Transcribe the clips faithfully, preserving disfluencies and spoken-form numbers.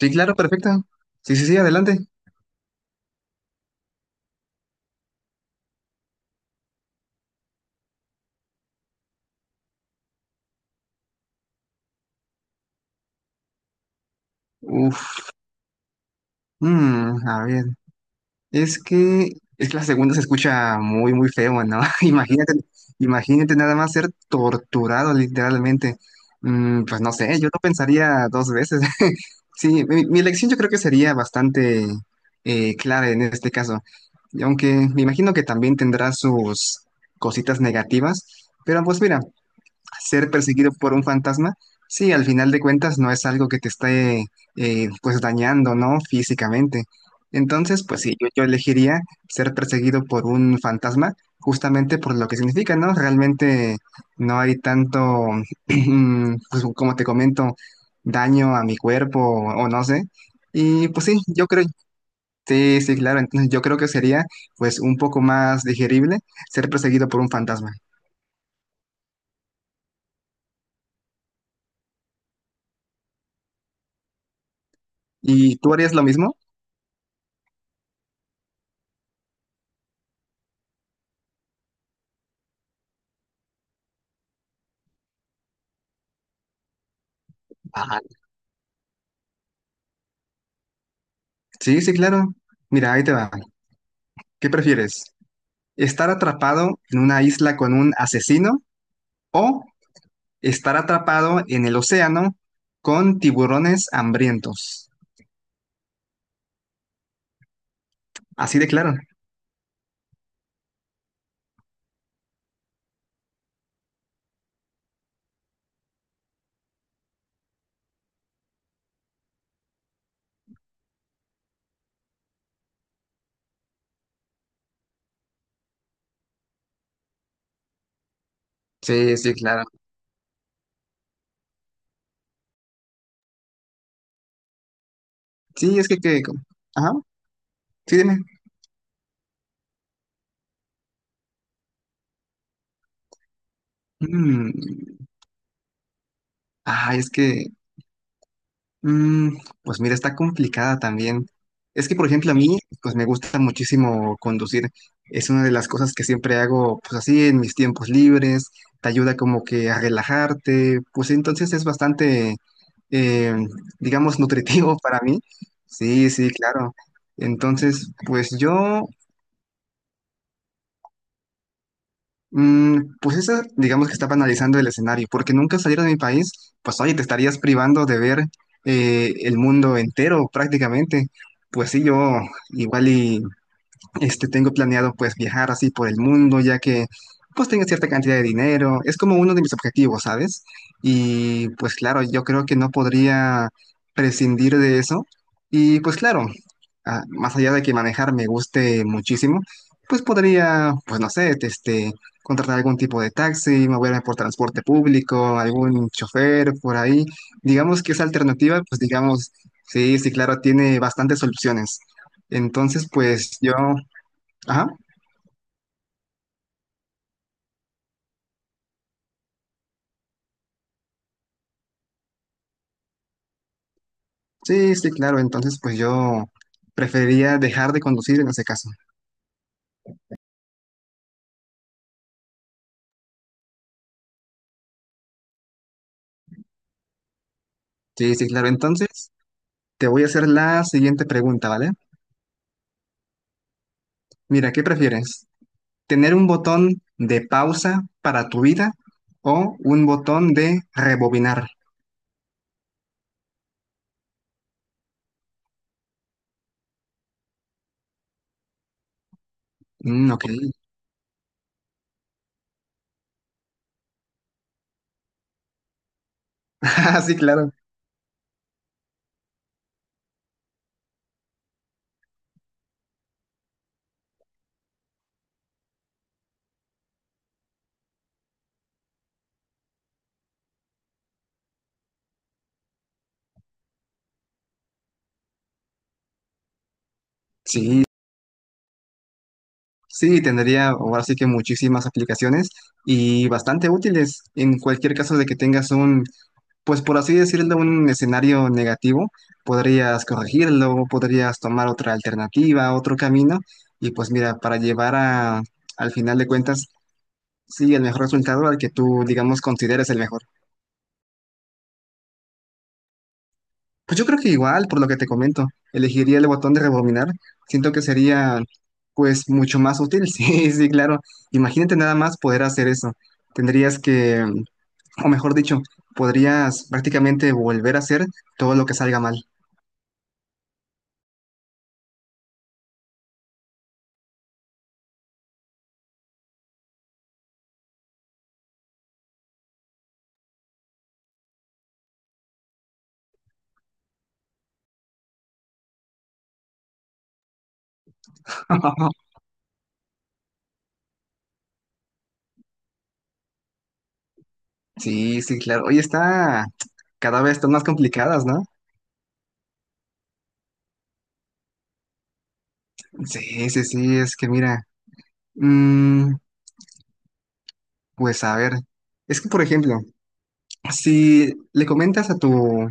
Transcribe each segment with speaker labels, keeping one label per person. Speaker 1: Sí, claro, perfecto. Sí, sí, sí, adelante. Uf, mm, a ver. Es que, es que la segunda se escucha muy, muy feo, ¿no? Imagínate, imagínate nada más ser torturado literalmente. Mm, pues no sé, yo lo pensaría dos veces. Sí, mi, mi elección yo creo que sería bastante eh, clara en este caso. Y aunque me imagino que también tendrá sus cositas negativas. Pero pues mira, ser perseguido por un fantasma, sí, al final de cuentas no es algo que te esté eh, pues dañando, ¿no? Físicamente. Entonces, pues sí, yo, yo elegiría ser perseguido por un fantasma justamente por lo que significa, ¿no? Realmente no hay tanto, pues como te comento, daño a mi cuerpo o, o no sé. Y pues sí, yo creo, sí, sí, claro, entonces yo creo que sería pues un poco más digerible ser perseguido por un fantasma. ¿Y tú harías lo mismo? Sí, sí, claro. Mira, ahí te va. ¿Qué prefieres? ¿Estar atrapado en una isla con un asesino o estar atrapado en el océano con tiburones hambrientos? Así de claro. Sí, sí, claro. Sí, es que, que- ajá, sí, dime. Mm, ah, es que mm, pues mira, está complicada también. Es que, por ejemplo, a mí, pues me gusta muchísimo conducir. Es una de las cosas que siempre hago, pues así, en mis tiempos libres. Te ayuda como que a relajarte. Pues sí, entonces es bastante, eh, digamos, nutritivo para mí. Sí, sí, claro. Entonces, pues yo mm, pues esa, digamos que estaba analizando el escenario, porque nunca salir de mi país, pues oye, te estarías privando de ver eh, el mundo entero prácticamente. Pues sí, yo igual y este, tengo planeado pues viajar así por el mundo, ya que pues tengo cierta cantidad de dinero. Es como uno de mis objetivos, ¿sabes? Y pues claro, yo creo que no podría prescindir de eso. Y pues claro, ah, más allá de que manejar me guste muchísimo, pues podría, pues no sé, este, contratar algún tipo de taxi, moverme por transporte público, algún chofer por ahí. Digamos que esa alternativa, pues digamos, sí, sí, claro, tiene bastantes soluciones. Entonces, pues yo ajá, sí, sí, claro. Entonces, pues yo preferiría dejar de conducir en ese caso. Sí, sí, claro. Entonces, te voy a hacer la siguiente pregunta, ¿vale? Mira, ¿qué prefieres? ¿Tener un botón de pausa para tu vida o un botón de rebobinar? Mm, ok. Ah, sí, claro. Sí, sí, tendría ahora sí que muchísimas aplicaciones y bastante útiles en cualquier caso de que tengas un pues por así decirlo, un escenario negativo, podrías corregirlo, podrías tomar otra alternativa, otro camino, y pues mira, para llevar a, al final de cuentas, sí, el mejor resultado al que tú, digamos, consideres el mejor. Pues yo creo que igual, por lo que te comento, elegiría el botón de rebobinar, siento que sería pues mucho más útil, sí, sí, claro. Imagínate nada más poder hacer eso. Tendrías que, o mejor dicho, podrías prácticamente volver a hacer todo lo que salga mal. Sí, sí, claro. Oye, está cada vez están más complicadas, ¿no? Sí, sí, sí, es que mira, mm, pues a ver, es que por ejemplo, si le comentas a tu,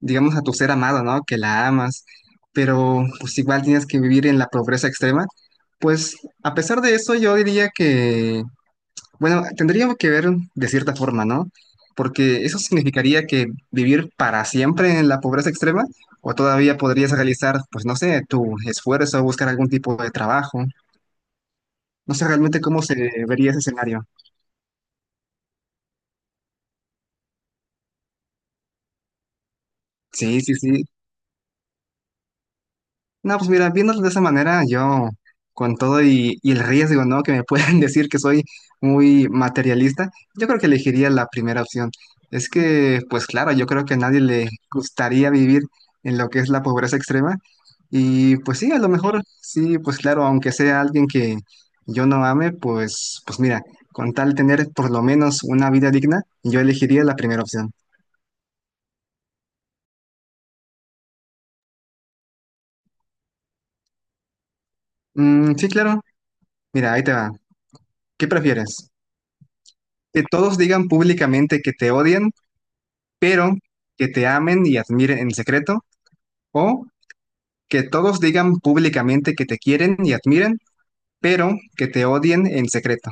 Speaker 1: digamos, a tu ser amado, ¿no? Que la amas, pero pues igual tienes que vivir en la pobreza extrema, pues a pesar de eso yo diría que bueno, tendríamos que ver de cierta forma, ¿no? Porque eso significaría que vivir para siempre en la pobreza extrema, o todavía podrías realizar, pues no sé, tu esfuerzo, buscar algún tipo de trabajo. No sé realmente cómo se vería ese escenario. Sí, sí, sí. No, pues mira, viéndolo de esa manera, yo con todo y, y el riesgo, ¿no? Que me pueden decir que soy muy materialista, yo creo que elegiría la primera opción. Es que, pues claro, yo creo que a nadie le gustaría vivir en lo que es la pobreza extrema. Y pues sí, a lo mejor, sí, pues claro, aunque sea alguien que yo no ame, pues, pues mira, con tal de tener por lo menos una vida digna, yo elegiría la primera opción. Mm, sí, claro. Mira, ahí te va. ¿Qué prefieres? Que todos digan públicamente que te odian, pero que te amen y admiren en secreto, o que todos digan públicamente que te quieren y admiren, pero que te odien en secreto.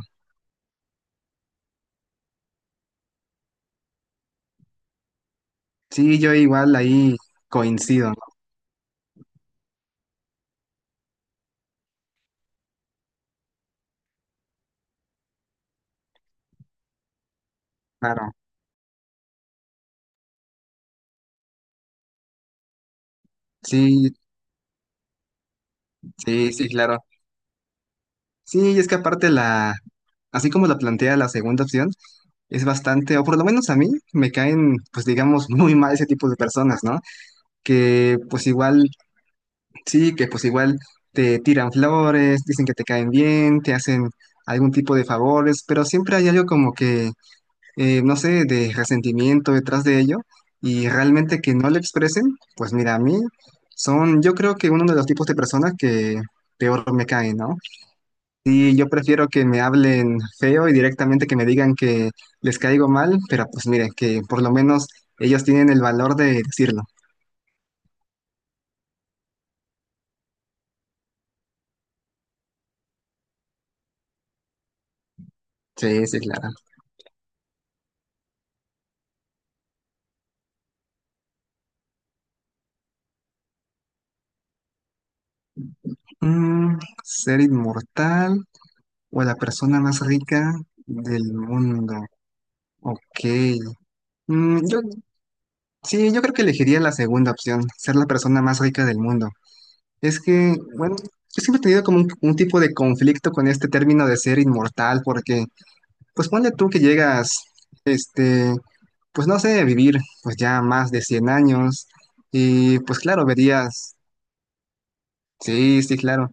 Speaker 1: Sí, yo igual ahí coincido, ¿no? Claro. Sí, sí, sí, claro. Sí, y es que aparte la, así como la plantea la segunda opción, es bastante, o por lo menos a mí, me caen, pues digamos, muy mal ese tipo de personas, ¿no? Que pues igual sí, que pues igual te tiran flores, dicen que te caen bien, te hacen algún tipo de favores, pero siempre hay algo como que, eh, no sé, de resentimiento detrás de ello y realmente que no lo expresen, pues mira, a mí son, yo creo que uno de los tipos de personas que peor me caen, ¿no? Y yo prefiero que me hablen feo y directamente que me digan que les caigo mal, pero pues miren, que por lo menos ellos tienen el valor de decirlo. Sí, sí, claro. Mm, ser inmortal. O la persona más rica del mundo. Ok. Mm, yo, sí, yo creo que elegiría la segunda opción, ser la persona más rica del mundo. Es que, bueno, yo siempre he tenido como un, un tipo de conflicto con este término de ser inmortal, porque, pues ponle tú que llegas, este, pues no sé, vivir pues ya más de cien años, y pues claro, verías, sí, sí, claro,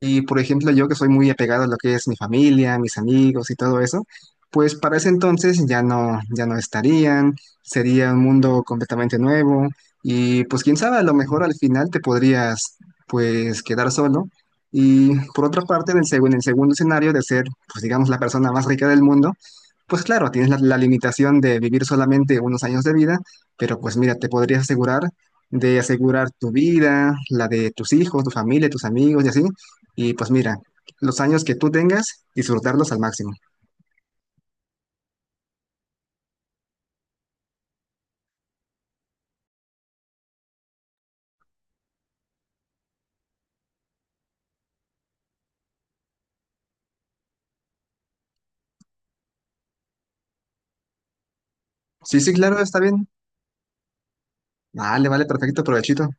Speaker 1: y por ejemplo, yo que soy muy apegado a lo que es mi familia, mis amigos y todo eso, pues para ese entonces ya no, ya no estarían, sería un mundo completamente nuevo y pues quién sabe, a lo mejor al final te podrías pues quedar solo. Y por otra parte, en el, seg- en el segundo escenario de ser, pues digamos, la persona más rica del mundo, pues claro, tienes la, la limitación de vivir solamente unos años de vida, pero pues mira, te podrías asegurar de asegurar tu vida, la de tus hijos, tu familia, tus amigos y así. Y pues mira, los años que tú tengas, disfrutarlos al máximo. Sí, sí, claro, está bien. Vale, vale, perfecto, provechito.